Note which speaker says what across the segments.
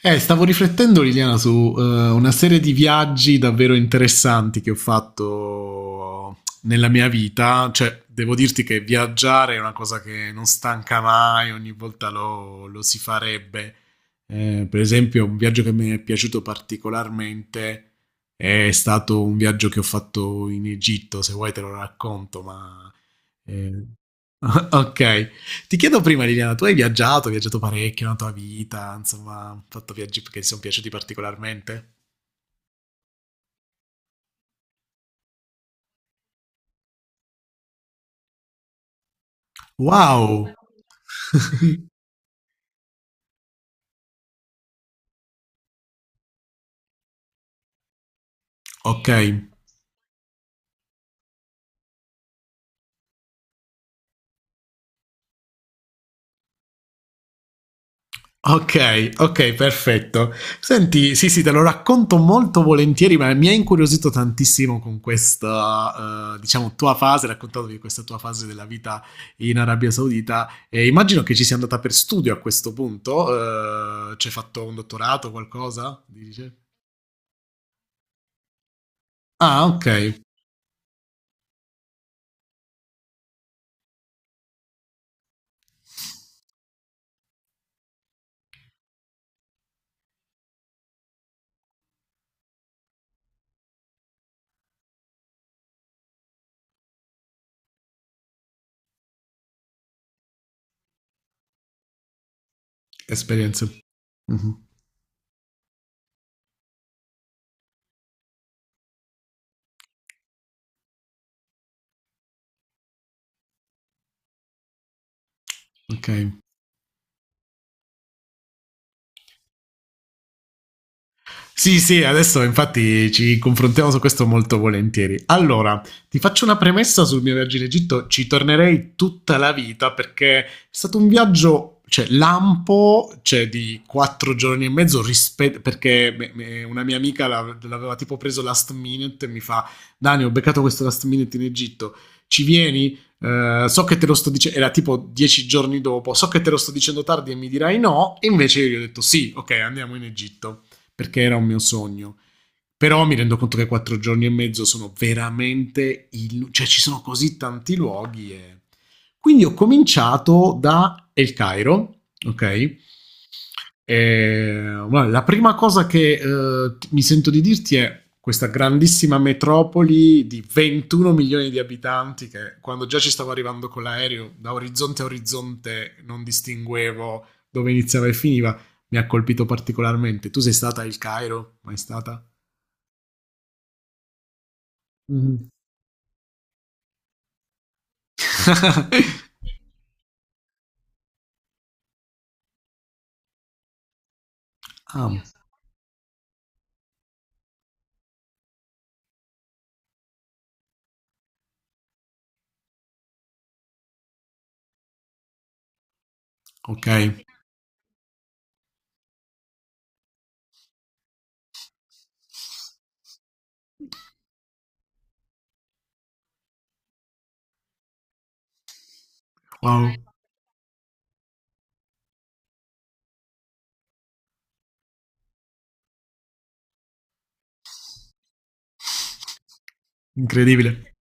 Speaker 1: Stavo riflettendo, Liliana, su una serie di viaggi davvero interessanti che ho fatto nella mia vita. Cioè, devo dirti che viaggiare è una cosa che non stanca mai, ogni volta lo si farebbe. Per esempio, un viaggio che mi è piaciuto particolarmente è stato un viaggio che ho fatto in Egitto. Se vuoi te lo racconto, ma... eh, ok, ti chiedo prima Liliana, tu hai viaggiato parecchio nella tua vita, insomma, hai fatto viaggi che ti sono piaciuti particolarmente? Wow! Ok, ok, ok, perfetto. Senti, sì, sì, te lo racconto molto volentieri, ma mi ha incuriosito tantissimo con questa, diciamo, tua fase, raccontandomi questa tua fase della vita in Arabia Saudita. E immagino che ci sia andata per studio a questo punto, ci hai fatto un dottorato o qualcosa? Dice? Ah, ok, esperienze. Mhm. Ok. Sì, sì, adesso infatti ci confrontiamo su questo molto volentieri. Allora, ti faccio una premessa sul mio viaggio in Egitto, ci tornerei tutta la vita perché è stato un viaggio, cioè lampo, cioè di 4 giorni e mezzo, perché una mia amica l'aveva tipo preso last minute e mi fa, Dani, ho beccato questo last minute in Egitto, ci vieni? So che te lo sto dicendo, era tipo 10 giorni dopo, so che te lo sto dicendo tardi e mi dirai no, e invece io gli ho detto sì, ok, andiamo in Egitto perché era un mio sogno. Però mi rendo conto che 4 giorni e mezzo sono veramente... cioè ci sono così tanti luoghi e... quindi ho cominciato da El Cairo, ok? E bueno, la prima cosa che mi sento di dirti è questa grandissima metropoli di 21 milioni di abitanti che quando già ci stavo arrivando con l'aereo da orizzonte a orizzonte non distinguevo dove iniziava e finiva mi ha colpito particolarmente. Tu sei stata al Cairo? Mai stata? Mm. Ah, ok. Wow, incredibile.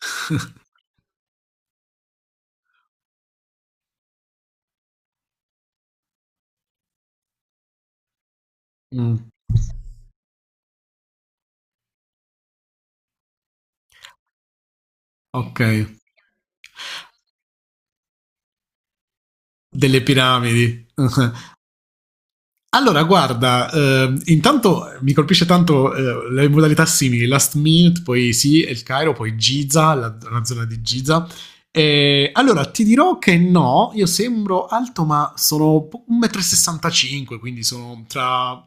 Speaker 1: Mm, ok, delle piramidi. Allora, guarda, intanto mi colpisce tanto le modalità simili, last minute, poi sì, El Cairo, poi Giza, la zona di Giza. Allora, ti dirò che no, io sembro alto, ma sono 1,65 m, quindi sono tra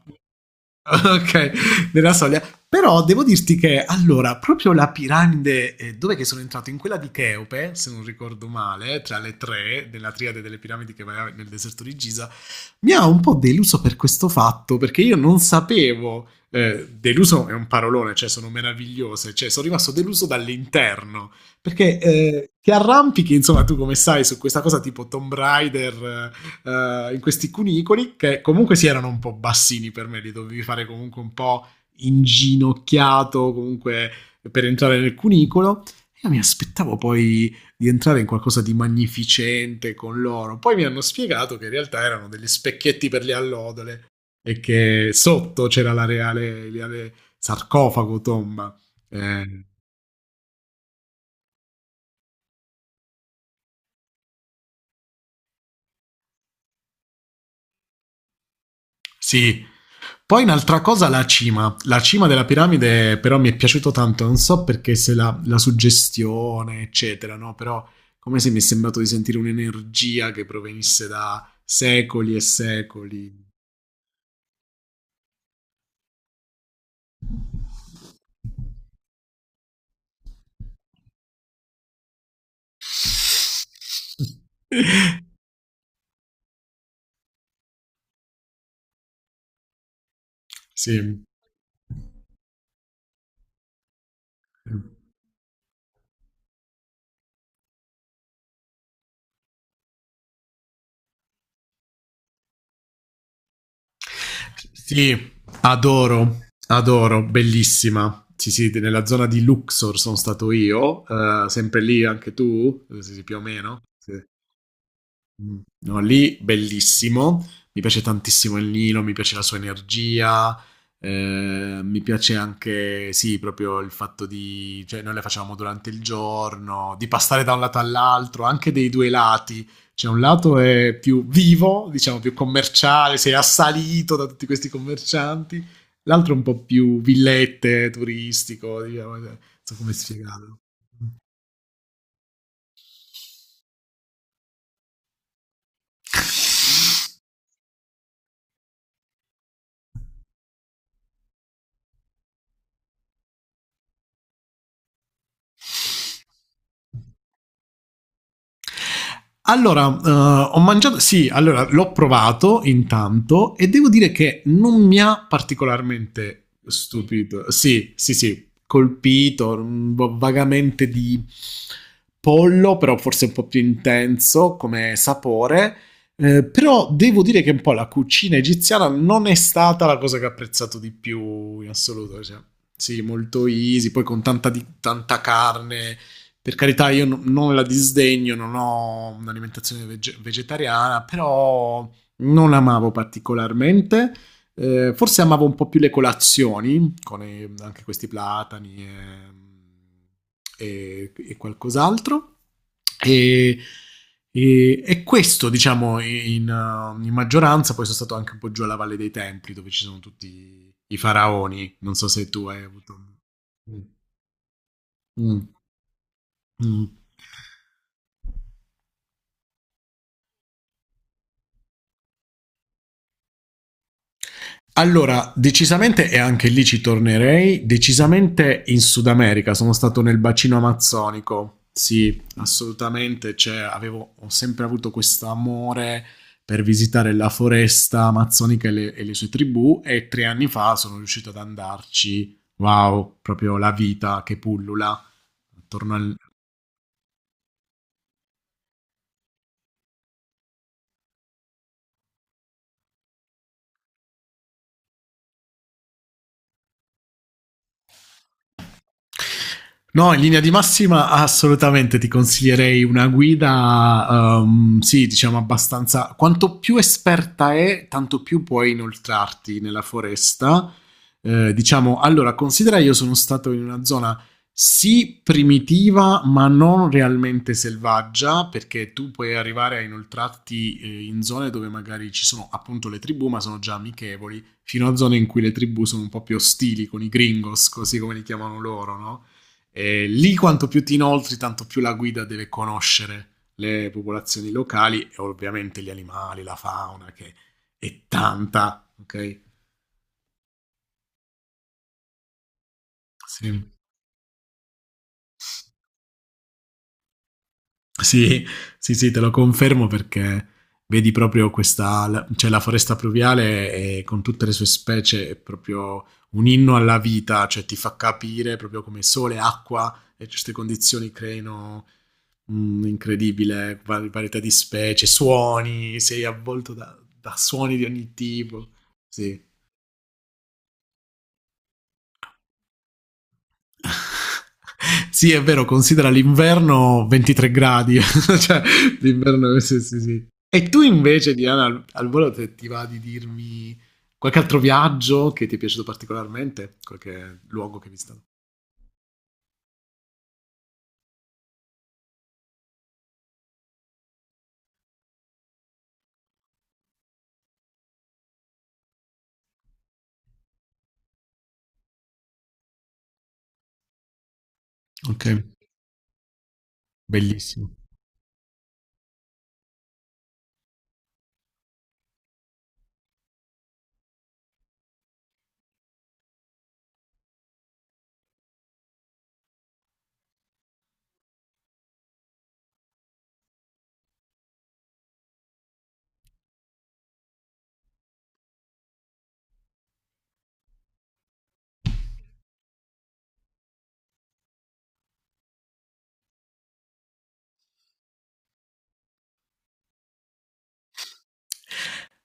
Speaker 1: ok, nella soglia. Però devo dirti che allora, proprio la piramide, dove che sono entrato? In quella di Cheope, se non ricordo male, tra le tre della triade delle piramidi che va nel deserto di Giza, mi ha un po' deluso per questo fatto, perché io non sapevo. Deluso è un parolone, cioè sono meravigliose, cioè sono rimasto deluso dall'interno, perché ti arrampichi, insomma, tu come sai, su questa cosa tipo Tomb Raider, in questi cunicoli, che comunque si erano un po' bassini per me, li dovevi fare comunque un po' inginocchiato, comunque per entrare nel cunicolo. Io mi aspettavo poi di entrare in qualcosa di magnificente con loro. Poi mi hanno spiegato che in realtà erano degli specchietti per le allodole e che sotto c'era la reale, reale sarcofago tomba. Eh, sì. Poi un'altra cosa, la cima. La cima della piramide però mi è piaciuto tanto, non so perché, se la, suggestione, eccetera, no? Però come se mi è sembrato di sentire un'energia che provenisse da secoli e secoli. Sì, sì, adoro, adoro, bellissima. Sì, sì, nella zona di Luxor sono stato io, sempre lì anche tu, sì, sì, più o meno. Sì. Mm. No, lì bellissimo, mi piace tantissimo il Nilo, mi piace la sua energia, mi piace anche, sì, proprio il fatto di, cioè noi le facevamo durante il giorno, di passare da un lato all'altro, anche dei due lati, cioè un lato è più vivo, diciamo più commerciale, sei assalito da tutti questi commercianti, l'altro è un po' più villette, turistico, diciamo, non so come spiegarlo. Allora, ho mangiato, sì, allora l'ho provato intanto e devo dire che non mi ha particolarmente stupito. Sì, sì, sì, colpito, un po' vagamente di pollo, però forse un po' più intenso come sapore. Però devo dire che un po' la cucina egiziana non è stata la cosa che ho apprezzato di più in assoluto. Cioè, sì, molto easy, poi con tanta carne, per carità, io non la disdegno, non ho un'alimentazione vegetariana, però non amavo particolarmente. Forse amavo un po' più le colazioni, con anche questi platani e, e qualcos'altro. E, e questo, diciamo, in maggioranza, poi sono stato anche un po' giù alla Valle dei Templi, dove ci sono tutti i faraoni. Non so se tu hai avuto... Mm. Mm. Allora, decisamente, e anche lì ci tornerei, decisamente in Sud America, sono stato nel bacino amazzonico, sì, assolutamente, cioè, ho sempre avuto questo amore per visitare la foresta amazzonica e le sue tribù e 3 anni fa sono riuscito ad andarci, wow, proprio la vita che pullula attorno al, no, in linea di massima assolutamente ti consiglierei una guida, sì, diciamo abbastanza... quanto più esperta è, tanto più puoi inoltrarti nella foresta. Diciamo, allora, considera io sono stato in una zona sì primitiva, ma non realmente selvaggia, perché tu puoi arrivare a inoltrarti in zone dove magari ci sono appunto le tribù, ma sono già amichevoli fino a zone in cui le tribù sono un po' più ostili con i gringos, così come li chiamano loro, no? E lì quanto più ti inoltri, tanto più la guida deve conoscere le popolazioni locali e ovviamente gli animali, la fauna, che è tanta, ok? Sì. Sì, sì, sì, te lo confermo perché vedi proprio questa, cioè la foresta pluviale con tutte le sue specie è proprio un inno alla vita, cioè ti fa capire proprio come sole, acqua e queste condizioni creino un'incredibile varietà di specie, suoni, sei avvolto da, suoni di ogni tipo. Sì. Sì, è vero, considera l'inverno 23 gradi, cioè l'inverno sì, sì, sì. E tu invece, Diana, al volo ti va di dirmi qualche altro viaggio che ti è piaciuto particolarmente, qualche luogo che hai visto? Ok, bellissimo.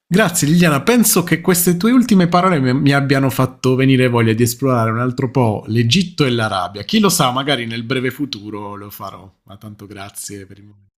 Speaker 1: Grazie Liliana, penso che queste tue ultime parole mi abbiano fatto venire voglia di esplorare un altro po' l'Egitto e l'Arabia. Chi lo sa, magari nel breve futuro lo farò, ma tanto grazie per il momento.